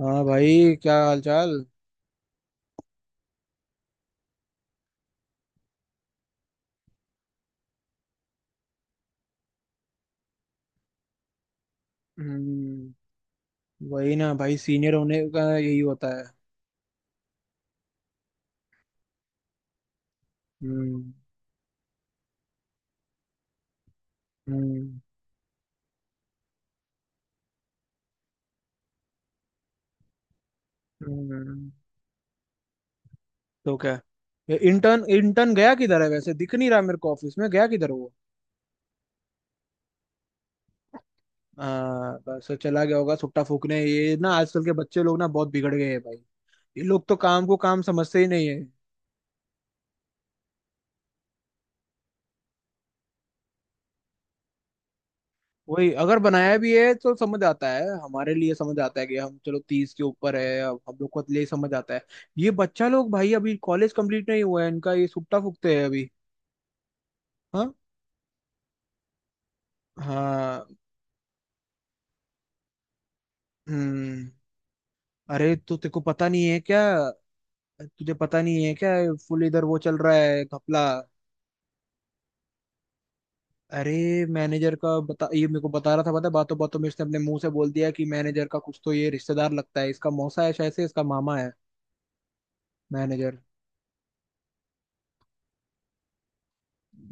हाँ भाई, क्या हाल चाल। हम्म। वही ना भाई, सीनियर होने का यही होता है। हम्म। हम्म। हम्म। तो क्या। इंटर्न इंटर्न गया किधर है? वैसे दिख नहीं रहा मेरे को, ऑफिस में गया किधर है वो? हाँ, बस चला गया होगा सुट्टा फूकने। ये ना, आजकल के बच्चे लोग ना बहुत बिगड़ गए हैं भाई। ये लोग तो काम को काम समझते ही नहीं है। वही, अगर बनाया भी है तो समझ आता है, हमारे लिए समझ आता है कि हम चलो 30 के ऊपर है अब, हम लोग को ले समझ आता है। ये बच्चा लोग भाई, अभी कॉलेज कंप्लीट नहीं हुआ है इनका, ये सुट्टा फूकते हैं अभी। हाँ। हाँ। हम्म। अरे, तो तेको पता नहीं है क्या? तुझे पता नहीं है क्या? फुल इधर वो चल रहा है घपला। अरे, मैनेजर का बता। ये मेरे को बता रहा था, पता है, बातों बातों में इसने अपने मुंह से बोल दिया कि मैनेजर का कुछ तो ये रिश्तेदार लगता है, इसका मौसा है शायद से, इसका मामा है। मैनेजर।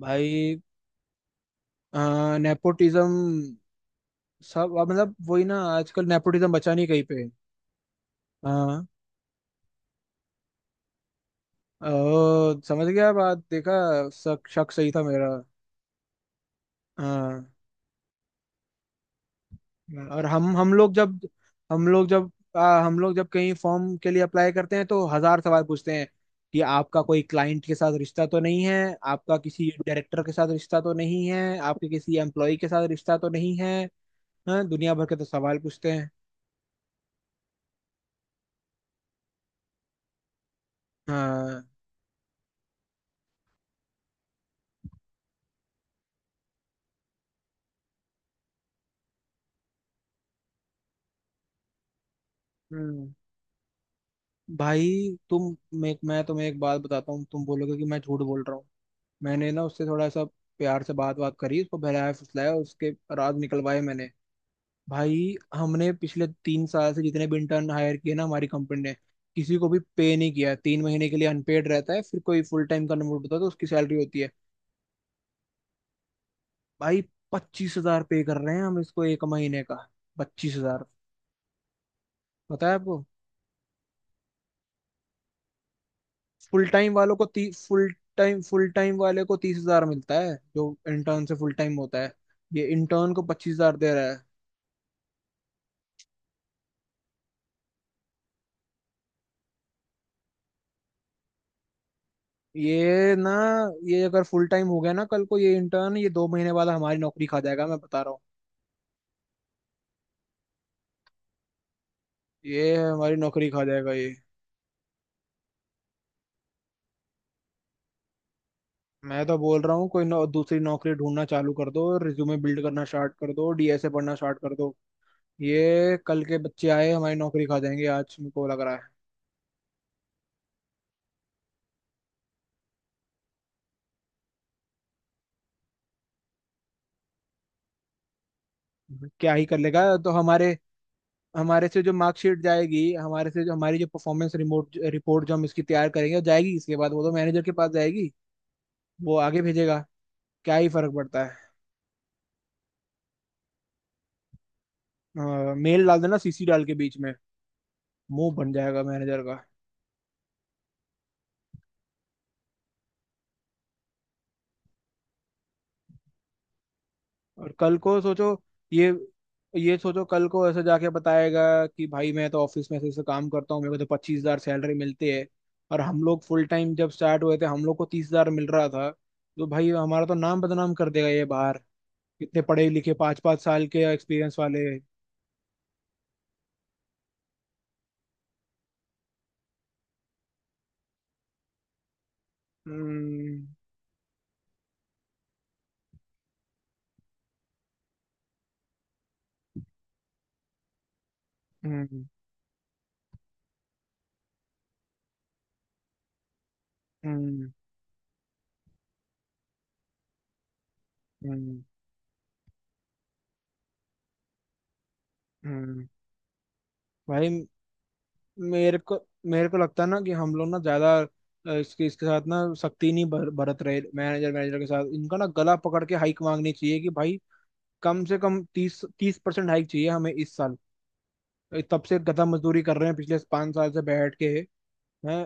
भाई, नेपोटिज्म। सब, अब मतलब वही ना, आजकल नेपोटिज्म बचा नहीं कहीं पे। हाँ। ओ, समझ गया बात, देखा। शक शक सही था मेरा। हाँ। और हम लोग जब, हम लोग जब, हम लोग जब कहीं फॉर्म के लिए अप्लाई करते हैं तो हजार सवाल पूछते हैं कि आपका कोई क्लाइंट के साथ रिश्ता तो नहीं है, आपका किसी डायरेक्टर के साथ रिश्ता तो नहीं है, आपके किसी एम्प्लॉय के साथ रिश्ता तो नहीं है। हाँ, दुनिया भर के तो सवाल पूछते हैं। हाँ। हम्म। भाई, तुम मैं तुम्हें एक बात बताता हूँ, तुम बोलोगे कि मैं झूठ बोल रहा हूँ। मैंने ना उससे थोड़ा सा प्यार से बात बात करी, उसको बहलाया फुसलाया, उसके राज निकलवाए मैंने। भाई, हमने पिछले 3 साल से जितने भी इंटर्न हायर किए ना हमारी कंपनी ने, किसी को भी पे नहीं किया। 3 महीने के लिए अनपेड रहता है, फिर कोई फुल टाइम कन्वर्ट होता है तो उसकी सैलरी होती है। भाई, 25,000 पे कर रहे हैं हम इसको, 1 महीने का। 25,000। पता है आपको? फुल टाइम वाले को 30,000 मिलता है, जो इंटर्न से फुल टाइम होता है। ये इंटर्न को 25,000 दे रहा है। ये ना ये अगर फुल टाइम हो गया ना कल को, ये इंटर्न, ये 2 महीने बाद हमारी नौकरी खा जाएगा मैं बता रहा हूँ। ये हमारी नौकरी खा जाएगा ये। मैं तो बोल रहा हूँ, कोई दूसरी नौकरी ढूंढना चालू कर दो, रिज्यूमे बिल्ड करना स्टार्ट कर दो, डीएसए पढ़ना स्टार्ट कर दो। ये कल के बच्चे आए, हमारी नौकरी खा जाएंगे आज, मेरे को लग रहा है। क्या ही कर लेगा तो हमारे? हमारे से जो मार्कशीट जाएगी, हमारे से जो हमारी जो परफॉर्मेंस रिमोट रिपोर्ट जो हम इसकी तैयार करेंगे वो जाएगी, इसके बाद वो तो मैनेजर के पास जाएगी। वो आगे भेजेगा। क्या ही फर्क पड़ता है, मेल डाल देना सीसी डाल के बीच में, मुंह बन जाएगा मैनेजर का। और कल को सोचो, ये ये सोचो कल को ऐसे जाके बताएगा कि भाई मैं तो ऑफिस में ऐसे ऐसे काम करता हूँ, मेरे को तो 25,000 सैलरी मिलती है, और हम लोग फुल टाइम जब स्टार्ट हुए थे हम लोग को 30,000 मिल रहा था। तो भाई, हमारा तो नाम बदनाम कर देगा ये बाहर, कितने पढ़े लिखे 5-5 साल के एक्सपीरियंस वाले। हम्म। हम्म। हम्म। हम्म। हम्म। भाई, मेरे को मेरे को लगता है ना कि हम लोग ना ज्यादा इसके इसके साथ ना सख्ती नहीं बरत रहे। मैनेजर मैनेजर के साथ इनका ना गला पकड़ के हाइक मांगनी चाहिए कि भाई कम से कम 30-30% हाइक चाहिए हमें इस साल। तब से गधा मजदूरी कर रहे हैं पिछले 5 साल से बैठ के। हैं?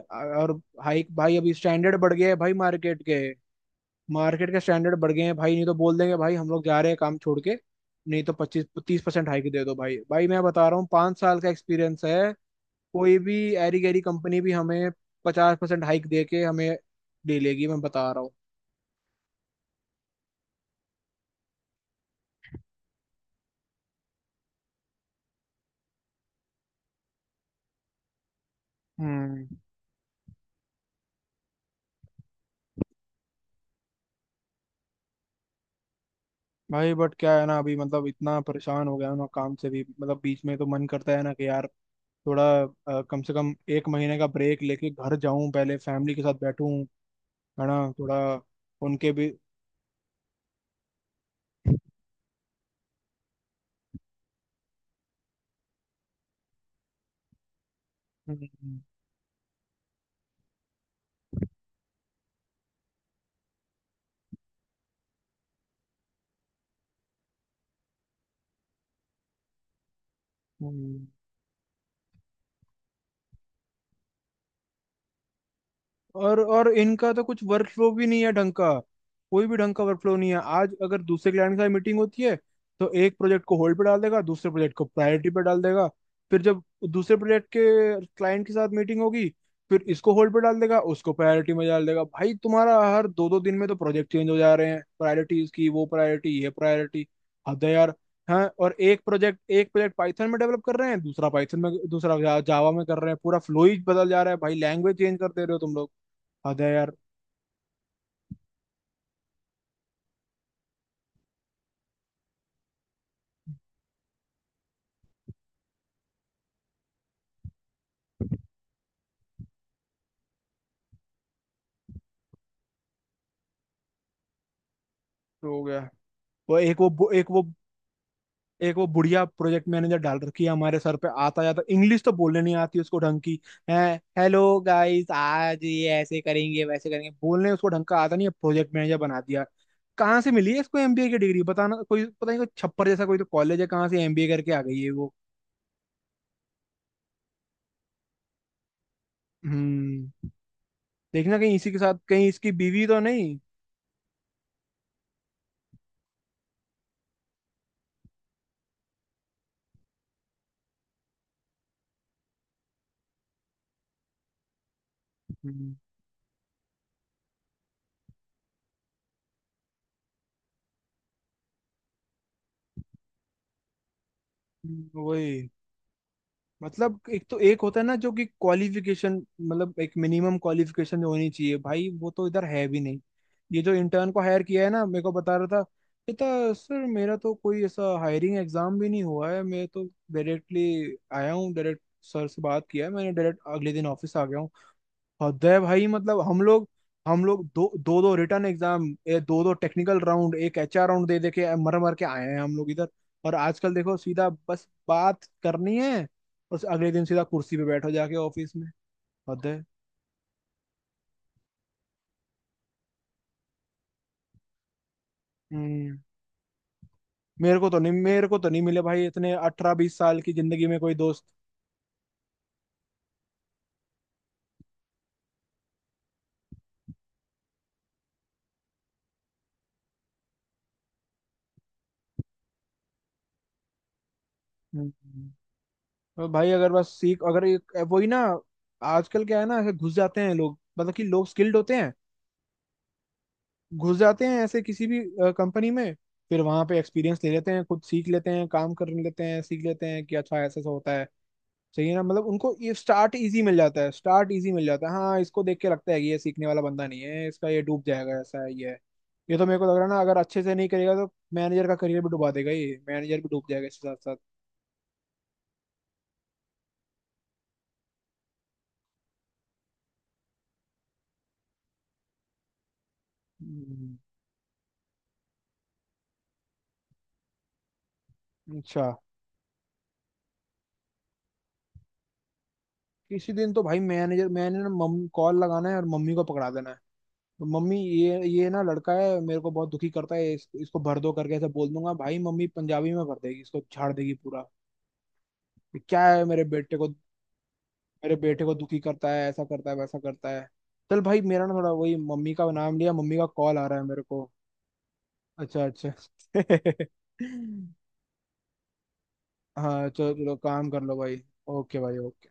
और हाइक, भाई अभी स्टैंडर्ड बढ़ गया है भाई, मार्केट के स्टैंडर्ड बढ़ गए हैं भाई। नहीं तो बोल देंगे भाई हम लोग जा रहे हैं काम छोड़ के। नहीं तो 25-30% हाइक दे दो भाई भाई मैं बता रहा हूँ, 5 साल का एक्सपीरियंस है। कोई भी एरी गैरी कंपनी भी हमें 50% हाइक दे के हमें ले लेगी, मैं बता रहा हूँ। हम्म। भाई, बट क्या है ना, अभी मतलब इतना परेशान हो गया हूं ना काम से भी, मतलब बीच में तो मन करता है ना कि यार थोड़ा कम से कम 1 महीने का ब्रेक लेके घर जाऊं पहले, फैमिली के साथ बैठूं। है ना? थोड़ा उनके भी। हम्म। हम्म। और इनका तो कुछ वर्क फ्लो भी नहीं है ढंग का, कोई भी ढंग का वर्क फ्लो नहीं है। आज अगर दूसरे क्लाइंट के साथ मीटिंग होती है तो एक प्रोजेक्ट को होल्ड पे डाल देगा, दूसरे प्रोजेक्ट को प्रायोरिटी पे डाल देगा। फिर जब दूसरे प्रोजेक्ट के क्लाइंट के साथ मीटिंग होगी, फिर इसको होल्ड पे डाल देगा, उसको प्रायोरिटी में डाल देगा। भाई तुम्हारा हर दो दो दिन में तो प्रोजेक्ट चेंज हो जा रहे हैं, प्रायोरिटीज की, वो प्रायोरिटी ये प्रायोरिटी। हद है यार। हाँ, और एक प्रोजेक्ट पाइथन में डेवलप कर रहे हैं, दूसरा पाइथन में, दूसरा जावा में कर रहे हैं, पूरा फ्लो ही बदल जा रहा है भाई, लैंग्वेज चेंज कर दे रहे हो तुम लोग। हद है यार। तो हो गया। वो एक वो बु- एक वो बुढ़िया प्रोजेक्ट मैनेजर डाल रखी है हमारे सर पे, आता जाता इंग्लिश तो बोलने नहीं आती उसको ढंग की है। हेलो गाइस, आज ये ऐसे करेंगे वैसे करेंगे, बोलने उसको ढंग का आता नहीं है। प्रोजेक्ट मैनेजर बना दिया। कहाँ से मिली है इसको एमबीए की डिग्री बताना? कोई पता नहीं, कोई छप्पर जैसा कोई तो कॉलेज है, कहाँ से एमबीए करके आ गई है वो। हम्म। देखना कहीं इसी के साथ कहीं इसकी बीवी तो नहीं। हम्म। वही, मतलब एक तो एक होता है ना जो कि क्वालिफिकेशन, मतलब एक मिनिमम क्वालिफिकेशन होनी चाहिए भाई, वो तो इधर है भी नहीं। ये जो इंटर्न को हायर किया है ना, मेरे को बता रहा था, कहता सर मेरा तो कोई ऐसा हायरिंग एग्जाम भी नहीं हुआ है, मैं तो डायरेक्टली आया हूँ। डायरेक्ट सर से बात किया है मैंने, डायरेक्ट अगले दिन ऑफिस आ गया हूँ। हृदय। भाई, मतलब हम लोग दो दो दो रिटर्न एग्जाम, दो दो टेक्निकल राउंड, एक एचआर राउंड दे दे के मर मर के आए हैं हम लोग इधर। और आजकल देखो सीधा बस बात करनी है, और अगले दिन सीधा कुर्सी पे बैठो जाके ऑफिस में। हृदय। हम्म। मेरे को तो नहीं मिले भाई इतने 18-20 साल की जिंदगी में कोई दोस्त। हम्म। और भाई, अगर बस सीख, अगर एक वही ना, आजकल क्या है ना, ऐसे घुस जाते हैं लोग, मतलब कि लोग स्किल्ड होते हैं, घुस जाते हैं ऐसे किसी भी कंपनी में, फिर वहां पे एक्सपीरियंस ले लेते हैं, खुद सीख लेते हैं, काम कर लेते हैं, सीख लेते हैं कि अच्छा ऐसा ऐसा होता है। सही है ना? मतलब उनको ये स्टार्ट इजी मिल जाता है, हाँ, इसको देख के लगता है कि ये सीखने वाला बंदा नहीं है इसका, ये डूब जाएगा, ऐसा है ये है। ये तो मेरे को लग रहा है ना, अगर अच्छे से नहीं करेगा तो मैनेजर का करियर भी डुबा देगा ये, मैनेजर भी डूब जाएगा इसके साथ साथ। हम्म। अच्छा। किसी दिन तो भाई मैनेजर, मैंने ना मम कॉल लगाना है और मम्मी को पकड़ा देना है। तो मम्मी, ये ना लड़का है मेरे को बहुत दुखी करता है, इसको भर दो, करके ऐसे बोल दूंगा भाई, मम्मी पंजाबी में भर देगी, इसको झाड़ देगी पूरा। ये क्या है मेरे बेटे को, मेरे बेटे को दुखी करता है, ऐसा करता है वैसा करता है। चल भाई, मेरा ना थोड़ा वही, मम्मी का नाम लिया मम्मी का कॉल आ रहा है मेरे को। अच्छा अच्छा। हाँ, चलो चलो, काम कर लो भाई। ओके भाई, ओके।